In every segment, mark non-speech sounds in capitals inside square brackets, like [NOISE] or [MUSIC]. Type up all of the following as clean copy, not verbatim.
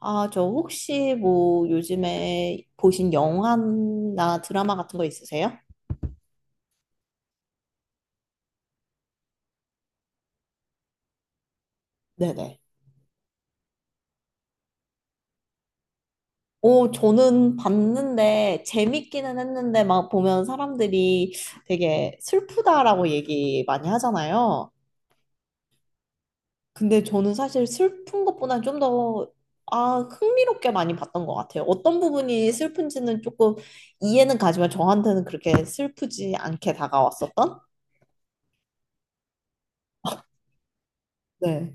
아, 저 혹시 뭐 요즘에 보신 영화나 드라마 같은 거 있으세요? 네네. 오, 저는 봤는데 재밌기는 했는데 막 보면 사람들이 되게 슬프다라고 얘기 많이 하잖아요. 근데 저는 사실 슬픈 것보다 좀 더, 아, 흥미롭게 많이 봤던 것 같아요. 어떤 부분이 슬픈지는 조금 이해는 가지만 저한테는 그렇게 슬프지 않게 다가왔었던? 네.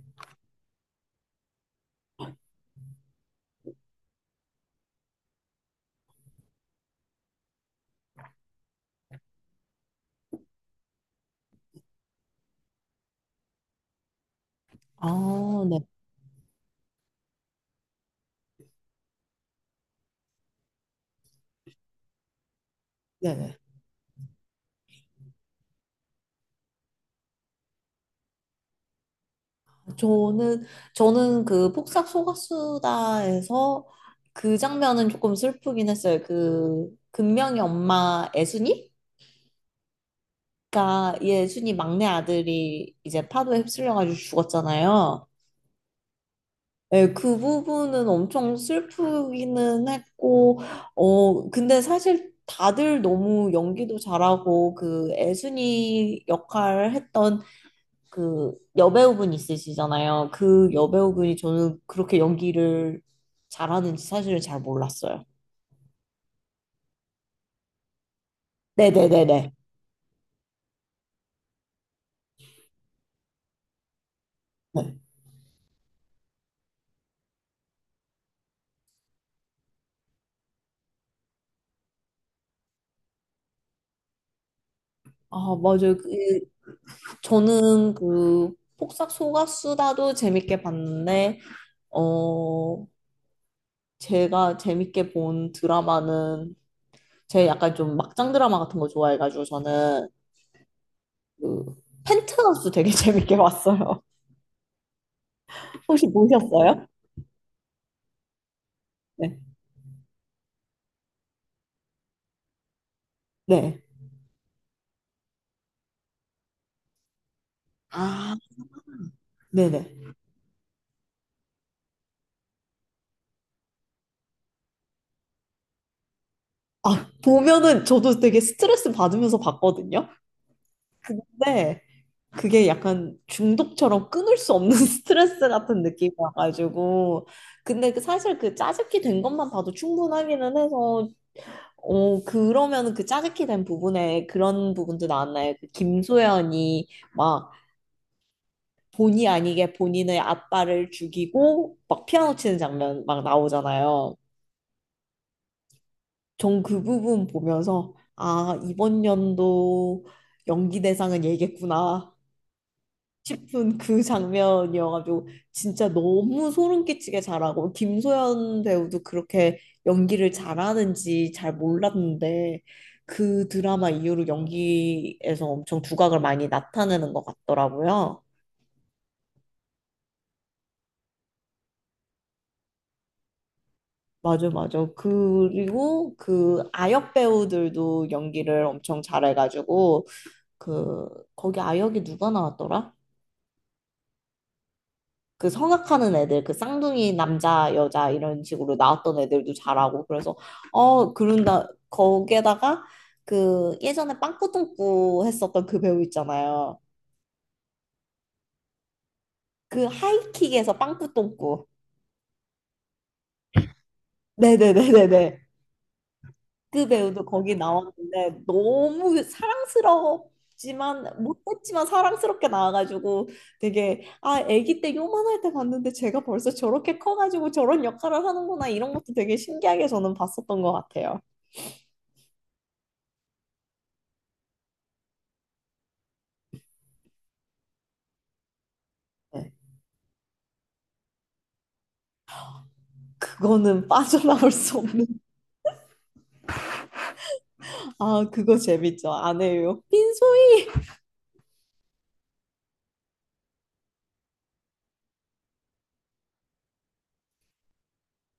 아, 네. 네네. 저는 저는 그 폭삭 소가수다에서 그 장면은 조금 슬프긴 했어요. 그 금명이 엄마 애순이가 예순이 막내 아들이 이제 파도에 휩쓸려가지고 죽었잖아요. 예, 그 부분은 엄청 슬프기는 했고, 근데 사실 다들 너무 연기도 잘하고, 그 애순이 역할 했던 그 여배우분 있으시잖아요. 그 여배우분이 저는 그렇게 연기를 잘하는지 사실은 잘 몰랐어요. 네네네네. 네. 아, 맞아요. 그, 저는 그 폭삭 소가수다도 재밌게 봤는데, 어, 제가 재밌게 본 드라마는 제 약간 좀 막장 드라마 같은 거 좋아해가지고 저는 그 펜트하우스 되게 [LAUGHS] 재밌게 봤어요. 혹시 보셨어요? 네. 네. 아, 네네. 아, 보면은 저도 되게 스트레스 받으면서 봤거든요. 근데 그게 약간 중독처럼 끊을 수 없는 [LAUGHS] 스트레스 같은 느낌이 와가지고. 근데 그 사실 그 짜깁기 된 것만 봐도 충분하기는 해서, 그러면은 그 짜깁기 된 부분에 그런 부분도 나왔나요? 그 김소연이 막 본의 아니게 본인의 아빠를 죽이고 막 피아노 치는 장면 막 나오잖아요. 전 그 부분 보면서 아, 이번 연도 연기 대상은 얘겠구나 싶은 그 장면이어가지고 진짜 너무 소름 끼치게 잘하고 김소연 배우도 그렇게 연기를 잘하는지 잘 몰랐는데 그 드라마 이후로 연기에서 엄청 두각을 많이 나타내는 것 같더라고요. 맞아, 맞아. 그리고 그 아역 배우들도 연기를 엄청 잘해가지고 그 거기 아역이 누가 나왔더라? 그 성악하는 애들, 그 쌍둥이 남자, 여자 이런 식으로 나왔던 애들도 잘하고 그래서 어 그런다 거기에다가 그 예전에 빵꾸똥꾸 했었던 그 배우 있잖아요. 그 하이킥에서 빵꾸똥꾸. 네네네네네. 그 배우도 거기 나왔는데 너무 사랑스럽지만 못했지만 사랑스럽게 나와가지고 되게 아 아기 때 요만할 때 봤는데 제가 벌써 저렇게 커가지고 저런 역할을 하는구나 이런 것도 되게 신기하게 저는 봤었던 것 같아요. 네. 그거는 빠져나올 수 없는. [LAUGHS] 아, 그거 재밌죠. 안 해요. 빈소이.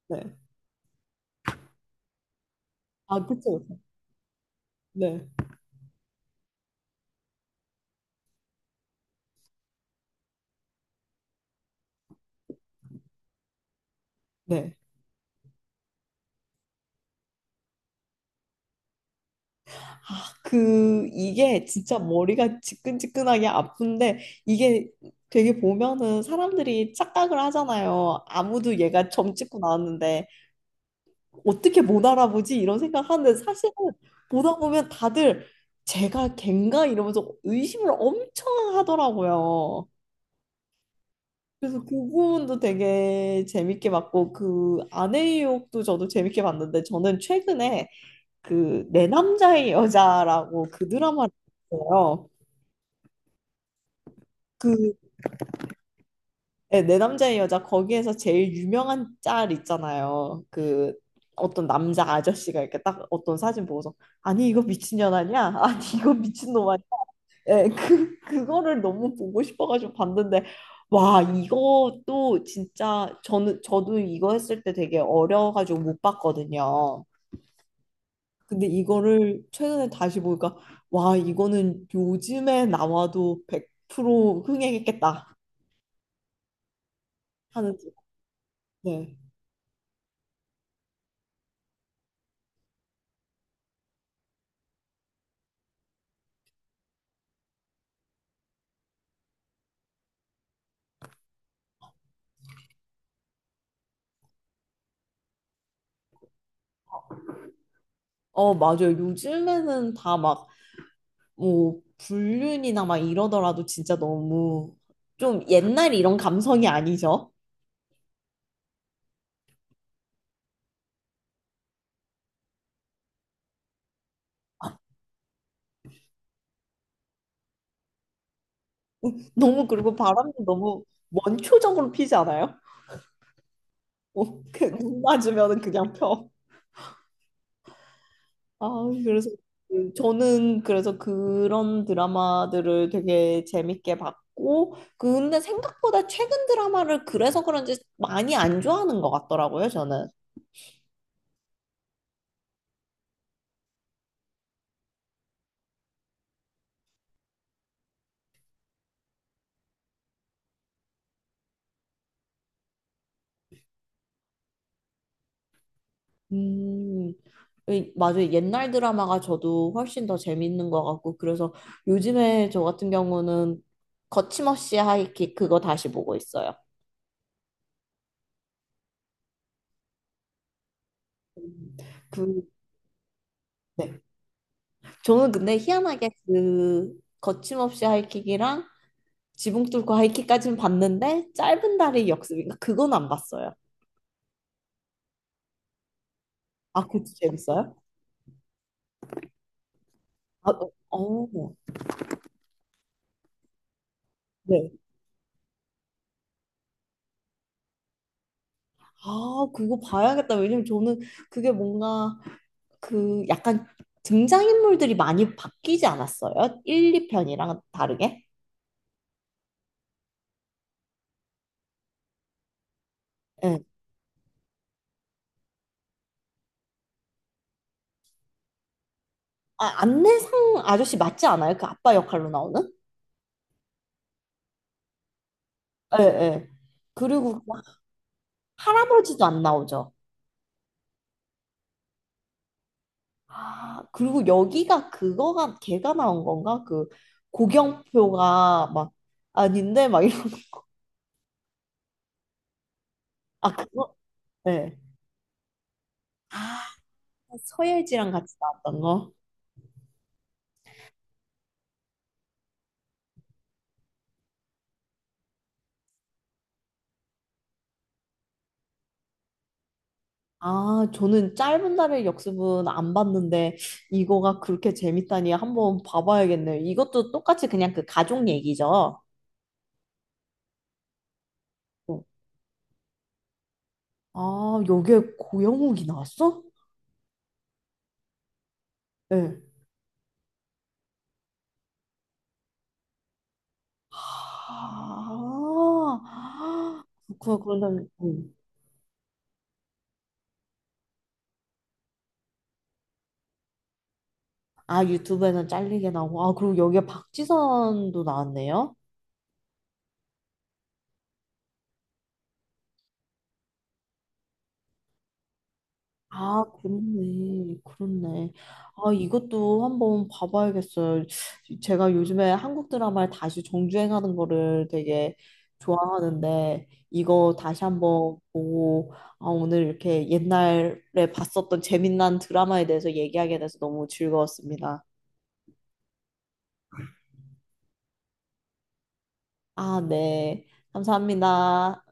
네. 아, 그쵸. 그쵸. 네. 네. 그, 이게 진짜 머리가 지끈지끈하게 아픈데, 이게 되게 보면은 사람들이 착각을 하잖아요. 아무도 얘가 점 찍고 나왔는데, 어떻게 못 알아보지? 이런 생각하는데, 사실은 보다 보면 다들 제가 걘가? 이러면서 의심을 엄청 하더라고요. 그래서 그 부분도 되게 재밌게 봤고 그 아내의 유혹도 저도 재밌게 봤는데 저는 최근에 그 내 남자의 여자라고 그 드라마를 봤어요. 그 네, 내 남자의 여자 거기에서 제일 유명한 짤 있잖아요. 그 어떤 남자 아저씨가 이렇게 딱 어떤 사진 보고서 아니 이거 미친년 아니야? 아니 이거 미친놈 예, 그, 그거를 너무 보고 싶어가지고 봤는데, 와, 이것도 진짜, 저는, 저도 이거 했을 때 되게 어려워가지고 못 봤거든요. 근데 이거를 최근에 다시 보니까, 와, 이거는 요즘에 나와도 100% 흥행했겠다 하는, 네. 맞아요. 요즘에는 다 막, 뭐, 불륜이나 막 이러더라도 진짜 너무 좀 옛날 이런 감성이 아니죠? 너무 그리고 바람도 너무 원초적으로 피지 않아요? 어, 그, 눈 맞으면 그냥 펴. 아, 그래서 저는 그래서 그런 드라마들을 되게 재밌게 봤고, 근데 생각보다 최근 드라마를 그래서 그런지 많이 안 좋아하는 것 같더라고요, 저는. 음, 맞아요. 옛날 드라마가 저도 훨씬 더 재밌는 것 같고, 그래서 요즘에 저 같은 경우는 거침없이 하이킥 그거 다시 보고 있어요. 음, 그, 네. 저는 근데 희한하게 그 거침없이 하이킥이랑 지붕 뚫고 하이킥까지는 봤는데 짧은 다리 역습인가? 그건 안 봤어요. 아, 그것도 재밌어요? 아, 어, 어, 네. 아, 그거 봐야겠다. 왜냐면 저는 그게 뭔가 그 약간 등장인물들이 많이 바뀌지 않았어요? 1, 2편이랑 다르게? 예. 아, 안내상 아저씨 맞지 않아요? 그 아빠 역할로 나오는? 예, 예. 그리고 그 할아버지도 안 나오죠. 아, 그리고 여기가 그거가 걔가 나온 건가? 그 고경표가 막 아닌데 막 이런 아 그거 네. 아 서예지랑 같이 나왔던 거. 아 저는 짧은 날의 역습은 안 봤는데 이거가 그렇게 재밌다니 한번 봐봐야겠네요. 이것도 똑같이 그냥 그 가족 얘기죠. 어. 아 여기에 고영욱이 나왔어? 네. 아, 아, 그렇구나. 그런다면. 음. 아, 유튜브에는 잘리게 나오고. 아, 그리고 여기에 박지선도 나왔네요. 아, 그렇네. 그렇네. 아, 이것도 한번 봐봐야겠어요. 제가 요즘에 한국 드라마를 다시 정주행하는 거를 되게 좋아하는데, 이거 다시 한번 보고, 아, 오늘 이렇게 옛날에 봤었던 재밌는 드라마에 대해서 얘기하게 돼서 너무 즐거웠습니다. 아, 네. 감사합니다.